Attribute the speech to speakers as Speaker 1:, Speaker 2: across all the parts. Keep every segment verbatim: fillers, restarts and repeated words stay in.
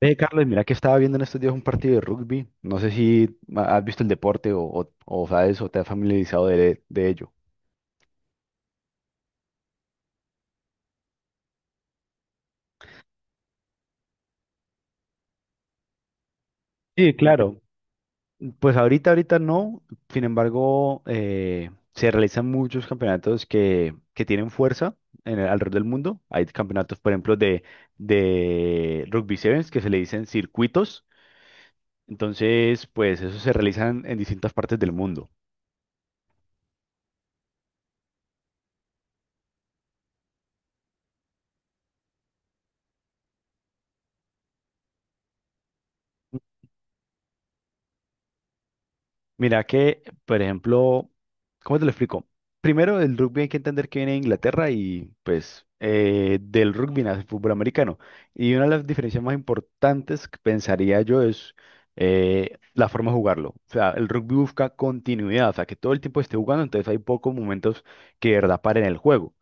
Speaker 1: Ve, Carlos, mira que estaba viendo en estos días un partido de rugby. No sé si ha- has visto el deporte o, o, o sabes o te has familiarizado de, de ello. Sí, claro. Pues ahorita, ahorita no. Sin embargo, eh, se realizan muchos campeonatos que, que tienen fuerza en el- alrededor del mundo. Hay campeonatos, por ejemplo, de, de rugby sevens que se le dicen circuitos. Entonces, pues esos se realizan en distintas partes del mundo. Mira que, por ejemplo, ¿cómo te lo explico? Primero, el rugby hay que entender que viene de Inglaterra y pues eh, del rugby nace el fútbol americano. Y una de las diferencias más importantes que pensaría yo es eh, la forma de jugarlo. O sea, el rugby busca continuidad, o sea, que todo el tiempo esté jugando, entonces hay pocos momentos que de verdad paren el juego.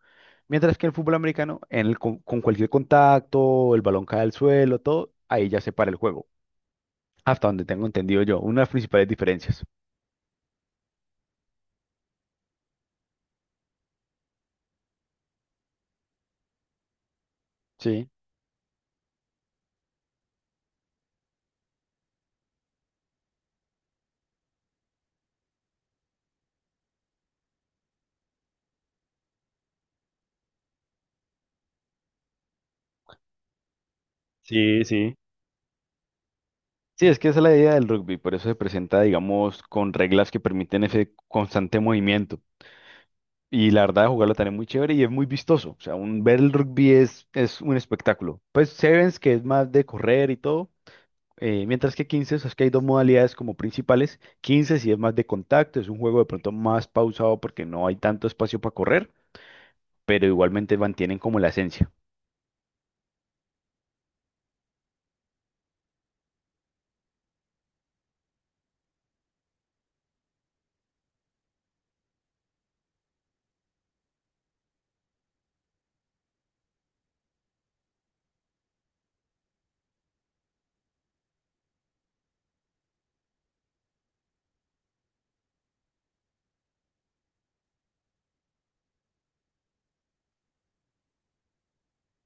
Speaker 1: Mientras que el fútbol americano, en el con con cualquier contacto, el balón cae al suelo, todo, ahí ya se para el juego. Hasta donde tengo entendido yo, una de las principales diferencias. Sí. Sí, sí. Sí, es que esa es la idea del rugby, por eso se presenta, digamos, con reglas que permiten ese constante movimiento. Y la verdad, jugarlo también es muy chévere y es muy vistoso. O sea, un, ver el rugby es, es un espectáculo. Pues Sevens, que es más de correr y todo, eh, mientras que quince, es que hay dos modalidades como principales. quince sí es más de contacto, es un juego de pronto más pausado porque no hay tanto espacio para correr, pero igualmente mantienen como la esencia.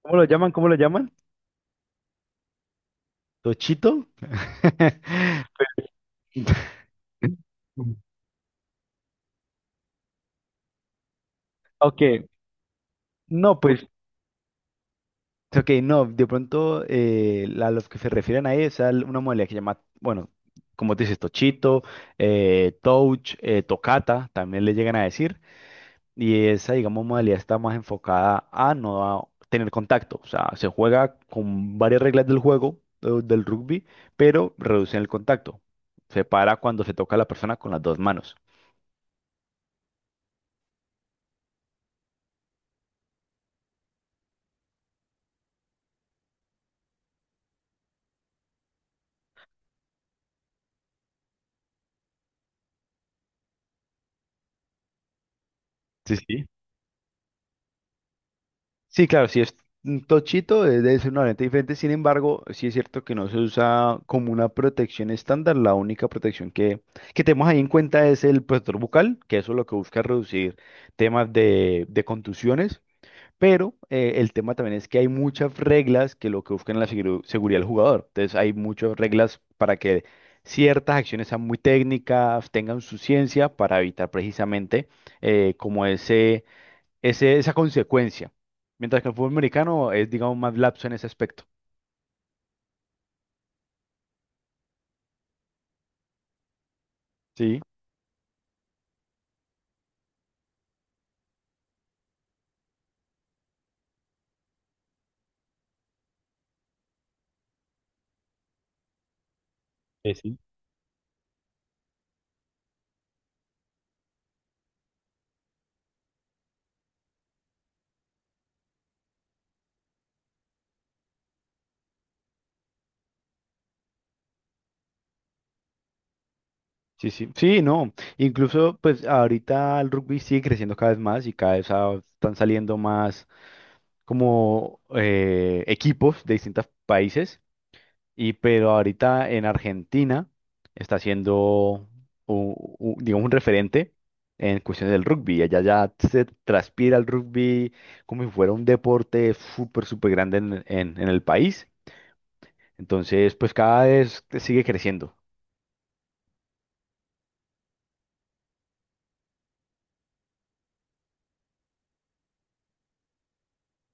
Speaker 1: ¿Cómo lo llaman? ¿Cómo lo llaman? ¿Tochito? Ok, no, pues, ok, no, de pronto eh, la- a los que se refieren ahí es a una modalidad que llama, bueno, como te dices, Tochito, eh, Touch, eh, Tocata, también le llegan a decir, y esa, digamos, modalidad está más enfocada a no a tener contacto, o sea, se juega con varias reglas del juego, eh, del rugby, pero reducen el contacto, se para cuando se toca a la persona con las dos manos. Sí, sí. Sí, claro, si es un tochito, es debe ser una lente diferente. Sin embargo, sí es cierto que no se usa como una protección estándar. La única protección que, que tenemos ahí en cuenta es el protector bucal, que eso lo que busca es reducir temas de, de contusiones. Pero eh, el tema también es que hay muchas reglas que lo que buscan es la seguru- seguridad del jugador. Entonces, hay muchas reglas para que ciertas acciones sean muy técnicas, tengan su ciencia para evitar precisamente eh, como ese ese, esa consecuencia. Mientras que el fútbol americano es, digamos, más lapso en ese aspecto. Sí, eh, sí. Sí, sí. Sí, no. Incluso, pues ahorita el rugby sigue creciendo cada vez más y cada vez ah, están saliendo más como eh, equipos de distintos países. Y pero ahorita en Argentina está siendo, u- u- digamos, un referente en cuestiones del rugby. Allá ya se transpira el rugby como si fuera un deporte súper, súper grande en en- en el país. Entonces, pues cada vez sigue creciendo.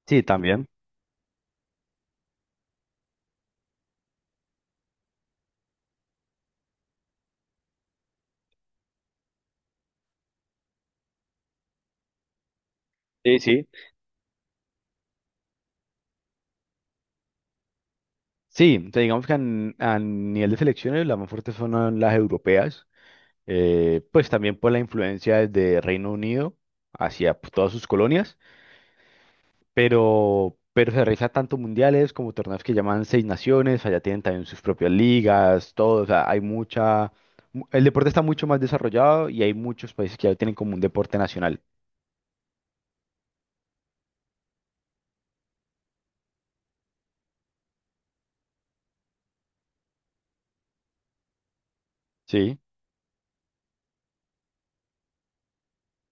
Speaker 1: Sí, también. Sí, sí. Sí, o sea, digamos que a, a nivel de selecciones las más fuertes son las europeas, eh, pues también por la influencia desde Reino Unido hacia pues, todas sus colonias, pero, pero se realiza tanto mundiales como torneos que llaman Seis Naciones, allá tienen también sus propias ligas, todo, o sea, hay mucha... mu- El deporte está mucho más desarrollado y hay muchos países que ya lo tienen como un deporte nacional. Sí.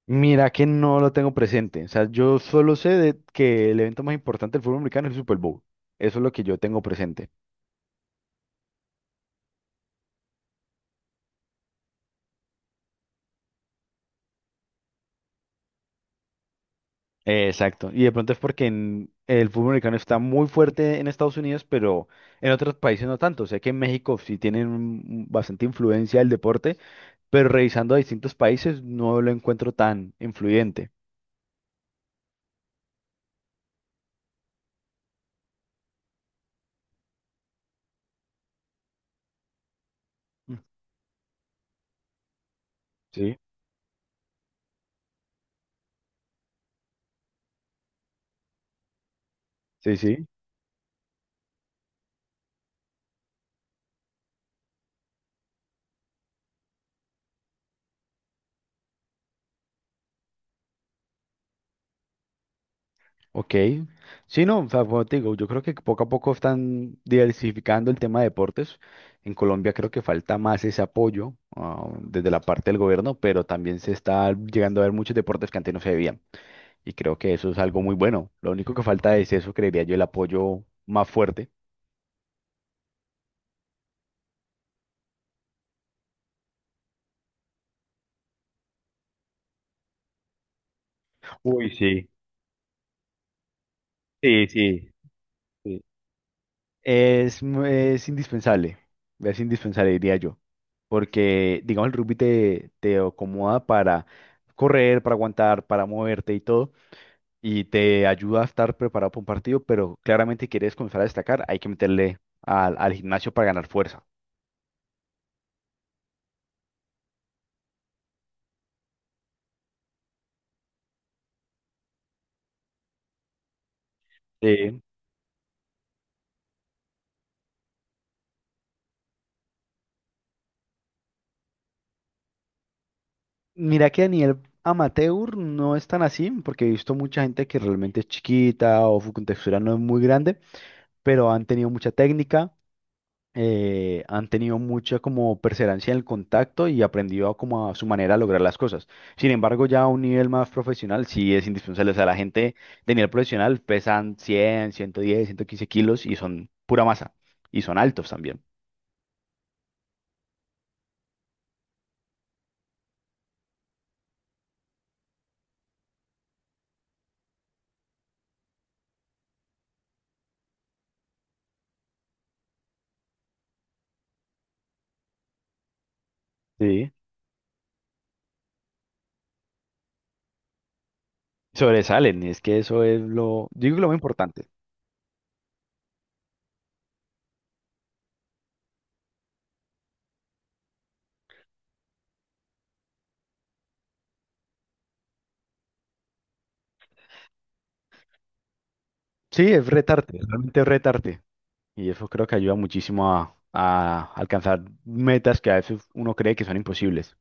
Speaker 1: Mira que no lo tengo presente. O sea, yo solo sé de que el evento más importante del fútbol americano es el Super Bowl. Eso es lo que yo tengo presente. Eh, exacto. Y de pronto es porque en- el fútbol americano está muy fuerte en Estados Unidos, pero en otros países no tanto. Sé que en México sí tienen un- un bastante influencia del deporte, pero revisando a distintos países no lo encuentro tan influyente. Mm. Sí, sí, sí. Ok. Sí, no, o sea, como te digo, yo creo que poco a poco están diversificando el tema de deportes. En Colombia creo que falta más ese apoyo, ah, desde la parte del gobierno, pero también se está llegando a ver muchos deportes que antes no se veían. Y creo que eso es algo muy bueno. Lo único que falta es eso, creería yo, el apoyo más fuerte. Uy, sí, sí, sí, sí, es, mu- es indispensable, es indispensable, diría yo, porque, digamos, el rugby te, te acomoda para correr, para aguantar, para moverte y todo, y te ayuda a estar preparado para un partido, pero claramente quieres comenzar a destacar, hay que meterle al, al gimnasio para ganar fuerza. Sí. Mira que a nivel amateur no es tan así, porque he visto mucha gente que realmente es chiquita o su contextura no es muy grande, pero han tenido mucha técnica eh, han tenido mucha como perseverancia en el contacto y aprendido como a su manera a lograr las cosas. Sin embargo, ya a un nivel más profesional sí es indispensable. O sea, la gente de nivel profesional pesan cien ciento diez ciento quince kilos y son pura masa. Y son altos también. Sí. Sobresalen. Y es que eso es lo, digo que lo más importante. Sí, es retarte, realmente es retarte. Y eso creo que ayuda muchísimo a, a alcanzar metas que a veces uno cree que son imposibles.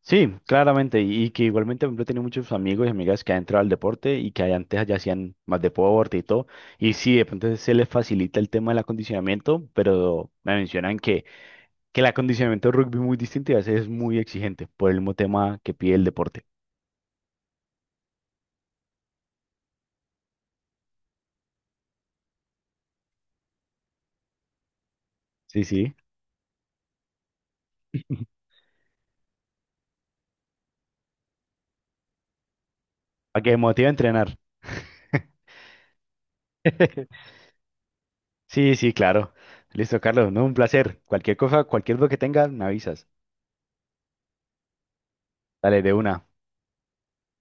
Speaker 1: Sí, claramente, y y que igualmente, por ejemplo, he tenido muchos amigos y amigas que han entrado al deporte y que ahí antes ya hacían más deporte y todo, y sí, de pronto se les facilita el tema del acondicionamiento, pero me mencionan que, que el acondicionamiento de rugby es muy distinto y a veces es muy exigente por el mismo tema que pide el deporte. Sí, sí, para que me motive a entrenar. Sí, sí, claro. Listo, Carlos, no, un placer. Cualquier cosa, cualquier duda que tengas, me avisas. Dale, de una.